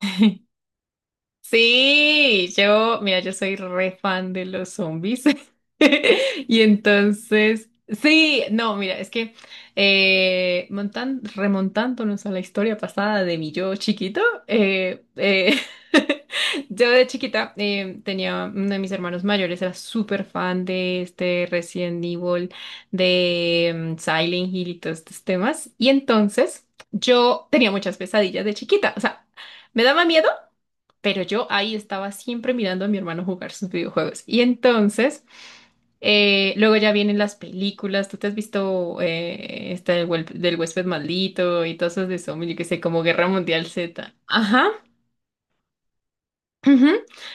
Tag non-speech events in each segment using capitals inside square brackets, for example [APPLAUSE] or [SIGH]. [LAUGHS] Sí, yo, mira, yo soy re fan de los zombies. [LAUGHS] Y entonces, sí, no, mira, es que remontándonos a la historia pasada de mi yo chiquito, eh, eh, [LAUGHS] yo de chiquita tenía uno de mis hermanos mayores, era súper fan de este Resident Evil, de Silent Hill y todos estos temas. Y entonces, yo tenía muchas pesadillas de chiquita, o sea, me daba miedo. Pero yo ahí estaba siempre mirando a mi hermano jugar sus videojuegos. Y entonces, luego ya vienen las películas. Tú te has visto esta del del huésped maldito y todas esas de zombies, yo qué sé, como Guerra Mundial Z. Ajá. Ujú.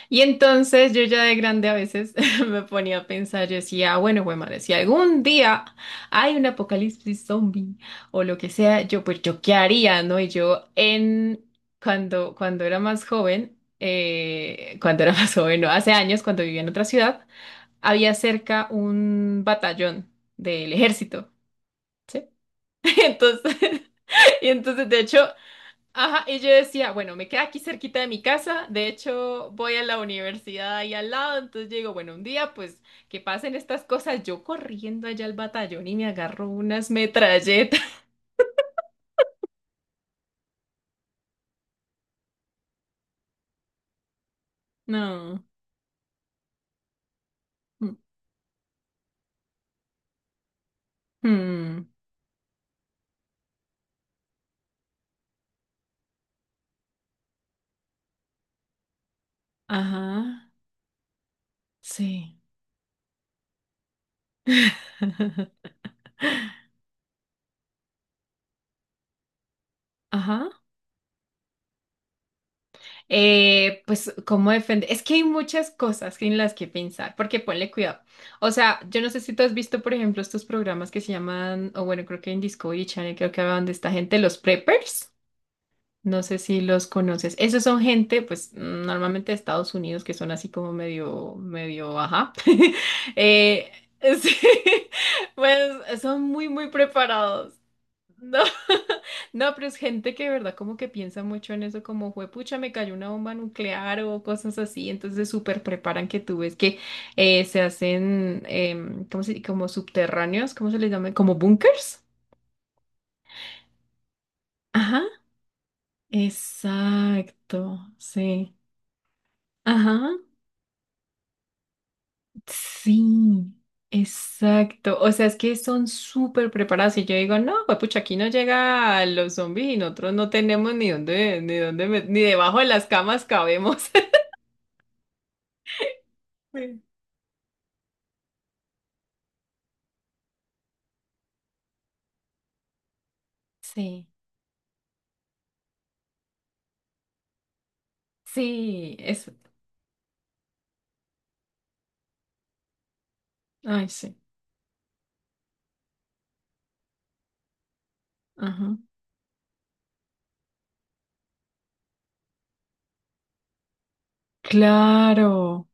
Y entonces yo ya de grande a veces [LAUGHS] me ponía a pensar, yo decía, "Ah, bueno, güey, madre, si algún día hay un apocalipsis zombie o lo que sea, yo pues yo qué haría, ¿no?" Y yo en cuando era más joven, cuando era [LAUGHS] más joven, no, hace años cuando vivía en otra ciudad, había cerca un batallón del ejército, ¿sí? [LAUGHS] Entonces [LAUGHS] y entonces, de hecho, ajá, y yo decía, bueno, me queda aquí cerquita de mi casa, de hecho voy a la universidad ahí al lado, entonces yo digo, bueno, un día pues que pasen estas cosas, yo corriendo allá al batallón y me agarro unas metralletas. [LAUGHS] No. Mm, mm. Ajá, sí. [LAUGHS] Ajá. Pues, ¿cómo defender? Es que hay muchas cosas en las que pensar, porque ponle cuidado. O sea, yo no sé si tú has visto, por ejemplo, estos programas que se llaman, o bueno, creo que en Discovery Channel, creo que hablaban de esta gente, los preppers. No sé si los conoces. Esos son gente, pues, normalmente de Estados Unidos, que son así como medio, ajá. [LAUGHS] Eh, sí, [LAUGHS] pues son muy, muy preparados. No, [LAUGHS] no, pero es gente que de verdad como que piensa mucho en eso, como juepucha, me cayó una bomba nuclear o cosas así, entonces súper preparan que tú ves que se hacen, ¿cómo se, como subterráneos, ¿cómo se les llama? Como bunkers. Ajá, exacto, sí. Ajá, sí, exacto. O sea, es que son súper preparados y yo digo, no, juepucha, aquí no llega a los zombies y nosotros no tenemos ni dónde, ni debajo de las camas cabemos. [LAUGHS] Sí. Sí, sí, eso. Ay, sí. Ajá. Claro.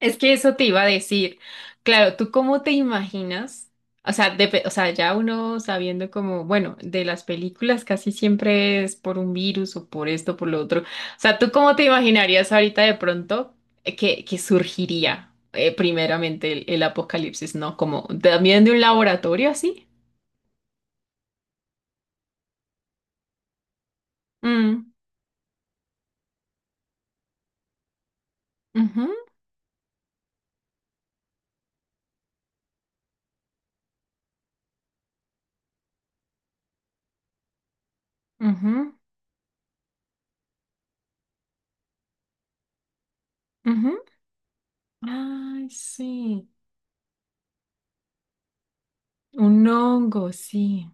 Es que eso te iba a decir. Claro, ¿tú cómo te imaginas? O sea, ya uno sabiendo como, bueno, de las películas casi siempre es por un virus o por esto, por lo otro. O sea, ¿tú cómo te imaginarías ahorita de pronto que surgiría primeramente el apocalipsis, ¿no? Como también de un laboratorio así. Mm, ujú, ujú, ujú. Ay, sí. Un hongo, sí.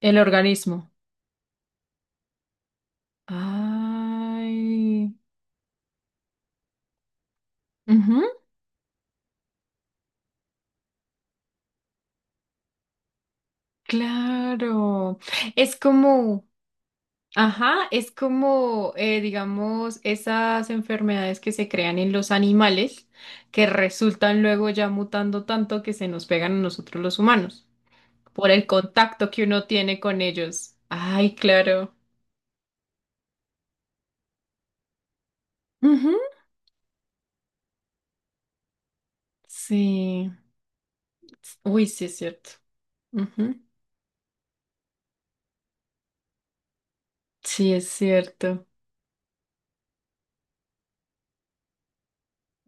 El organismo. Ay. Ujú, claro. Es como, ajá, es como, digamos, esas enfermedades que se crean en los animales que resultan luego ya mutando tanto que se nos pegan a nosotros los humanos por el contacto que uno tiene con ellos. Ay, claro. Ujú, sí. Uy, sí es cierto. Ujú. Sí, es cierto.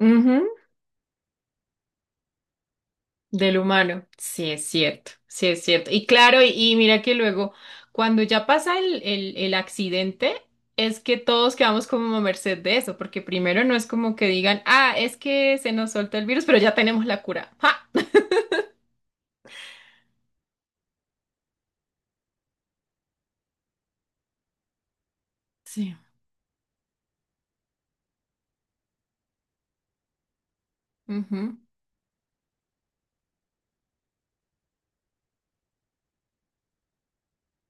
Ujú, del humano, sí es cierto, sí es cierto. Y claro, y mira que luego, cuando ya pasa el accidente, es que todos quedamos como a merced de eso, porque primero no es como que digan, ah, es que se nos soltó el virus, pero ya tenemos la cura. ¡Ja! Sí. Ujú,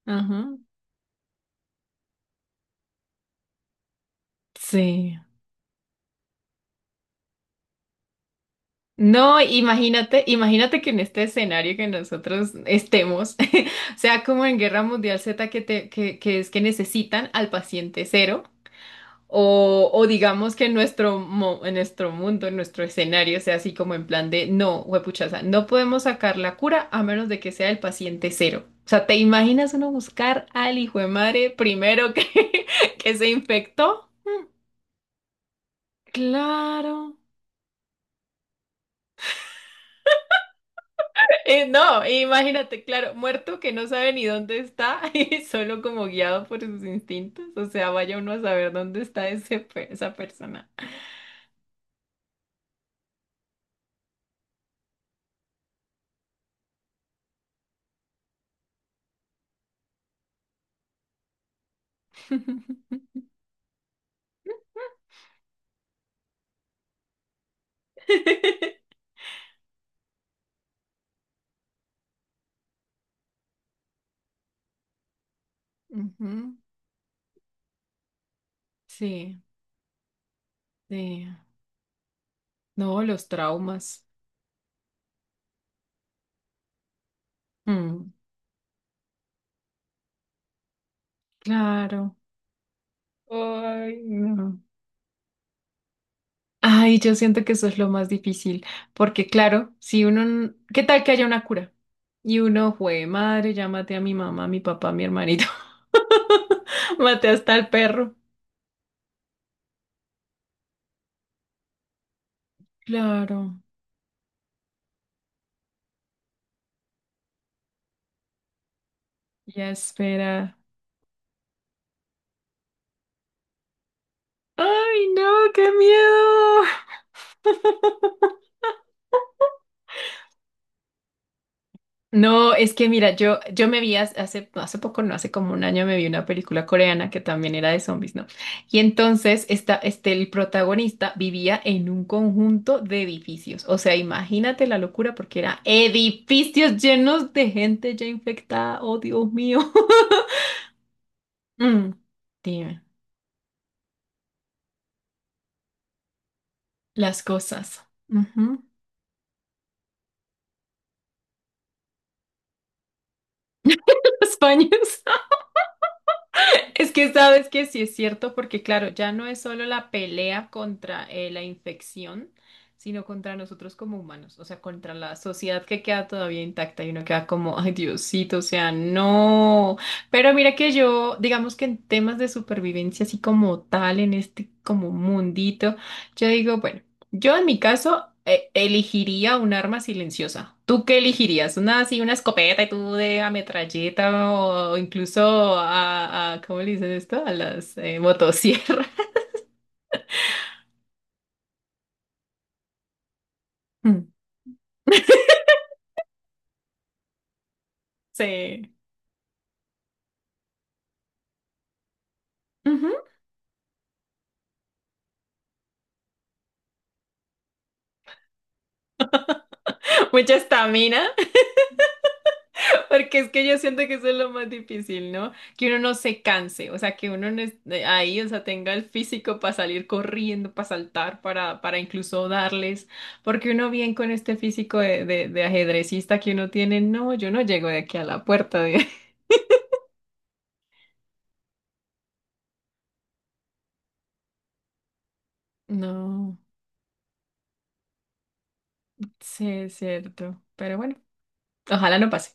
ajá, sí. No, imagínate, imagínate que en este escenario que nosotros estemos, [LAUGHS] sea como en Guerra Mundial Z, que es que necesitan al paciente cero. O digamos que en en nuestro mundo, en nuestro escenario, sea así como en plan de no, huepuchaza, no podemos sacar la cura a menos de que sea el paciente cero. O sea, ¿te imaginas uno buscar al hijo de madre primero [LAUGHS] que se infectó? Claro. No, imagínate, claro, muerto que no sabe ni dónde está [LAUGHS] y solo como guiado por sus instintos. O sea, vaya uno a saber dónde está esa persona. [LAUGHS] Ujú, sí, sí. No, los traumas. Mm, claro. Ay, no. Ay, yo siento que eso es lo más difícil, porque claro, si ¿qué tal que haya una cura? Y uno, jue madre, ya maté a mi mamá, a mi papá, a mi hermanito, [LAUGHS] maté hasta al perro. Claro, ya espera. Ay, no, qué miedo. No, es que mira, yo me vi hace, hace poco, no hace como un año, me vi una película coreana que también era de zombies, ¿no? Y entonces el protagonista vivía en un conjunto de edificios. O sea, imagínate la locura porque era edificios llenos de gente ya infectada. Oh, Dios mío. [LAUGHS] Mm, dime, las cosas. Ujú. [LAUGHS] Los baños. [LAUGHS] Es que sabes que sí es cierto, porque claro, ya no es solo la pelea contra la infección, sino contra nosotros como humanos, o sea, contra la sociedad que queda todavía intacta y uno queda como, ay, Diosito, o sea, no. Pero mira que yo, digamos que en temas de supervivencia, así como tal, en este como mundito, yo digo, bueno. Yo en mi caso elegiría un arma silenciosa. ¿Tú qué elegirías? ¿Una así, una escopeta y tú de ametralleta o incluso ¿cómo le dicen esto? A las motosierras. [LAUGHS] Sí. Ujú. Mucha estamina. Porque es que yo siento que eso es lo más difícil, ¿no? Que uno no se canse, o sea, que uno no esté ahí, o sea, tenga el físico para salir corriendo, para saltar, para incluso darles, porque uno bien con este físico de ajedrecista que uno tiene, no, yo no llego de aquí a la puerta de... [LAUGHS] No, sí, es cierto, pero bueno, ojalá no pase.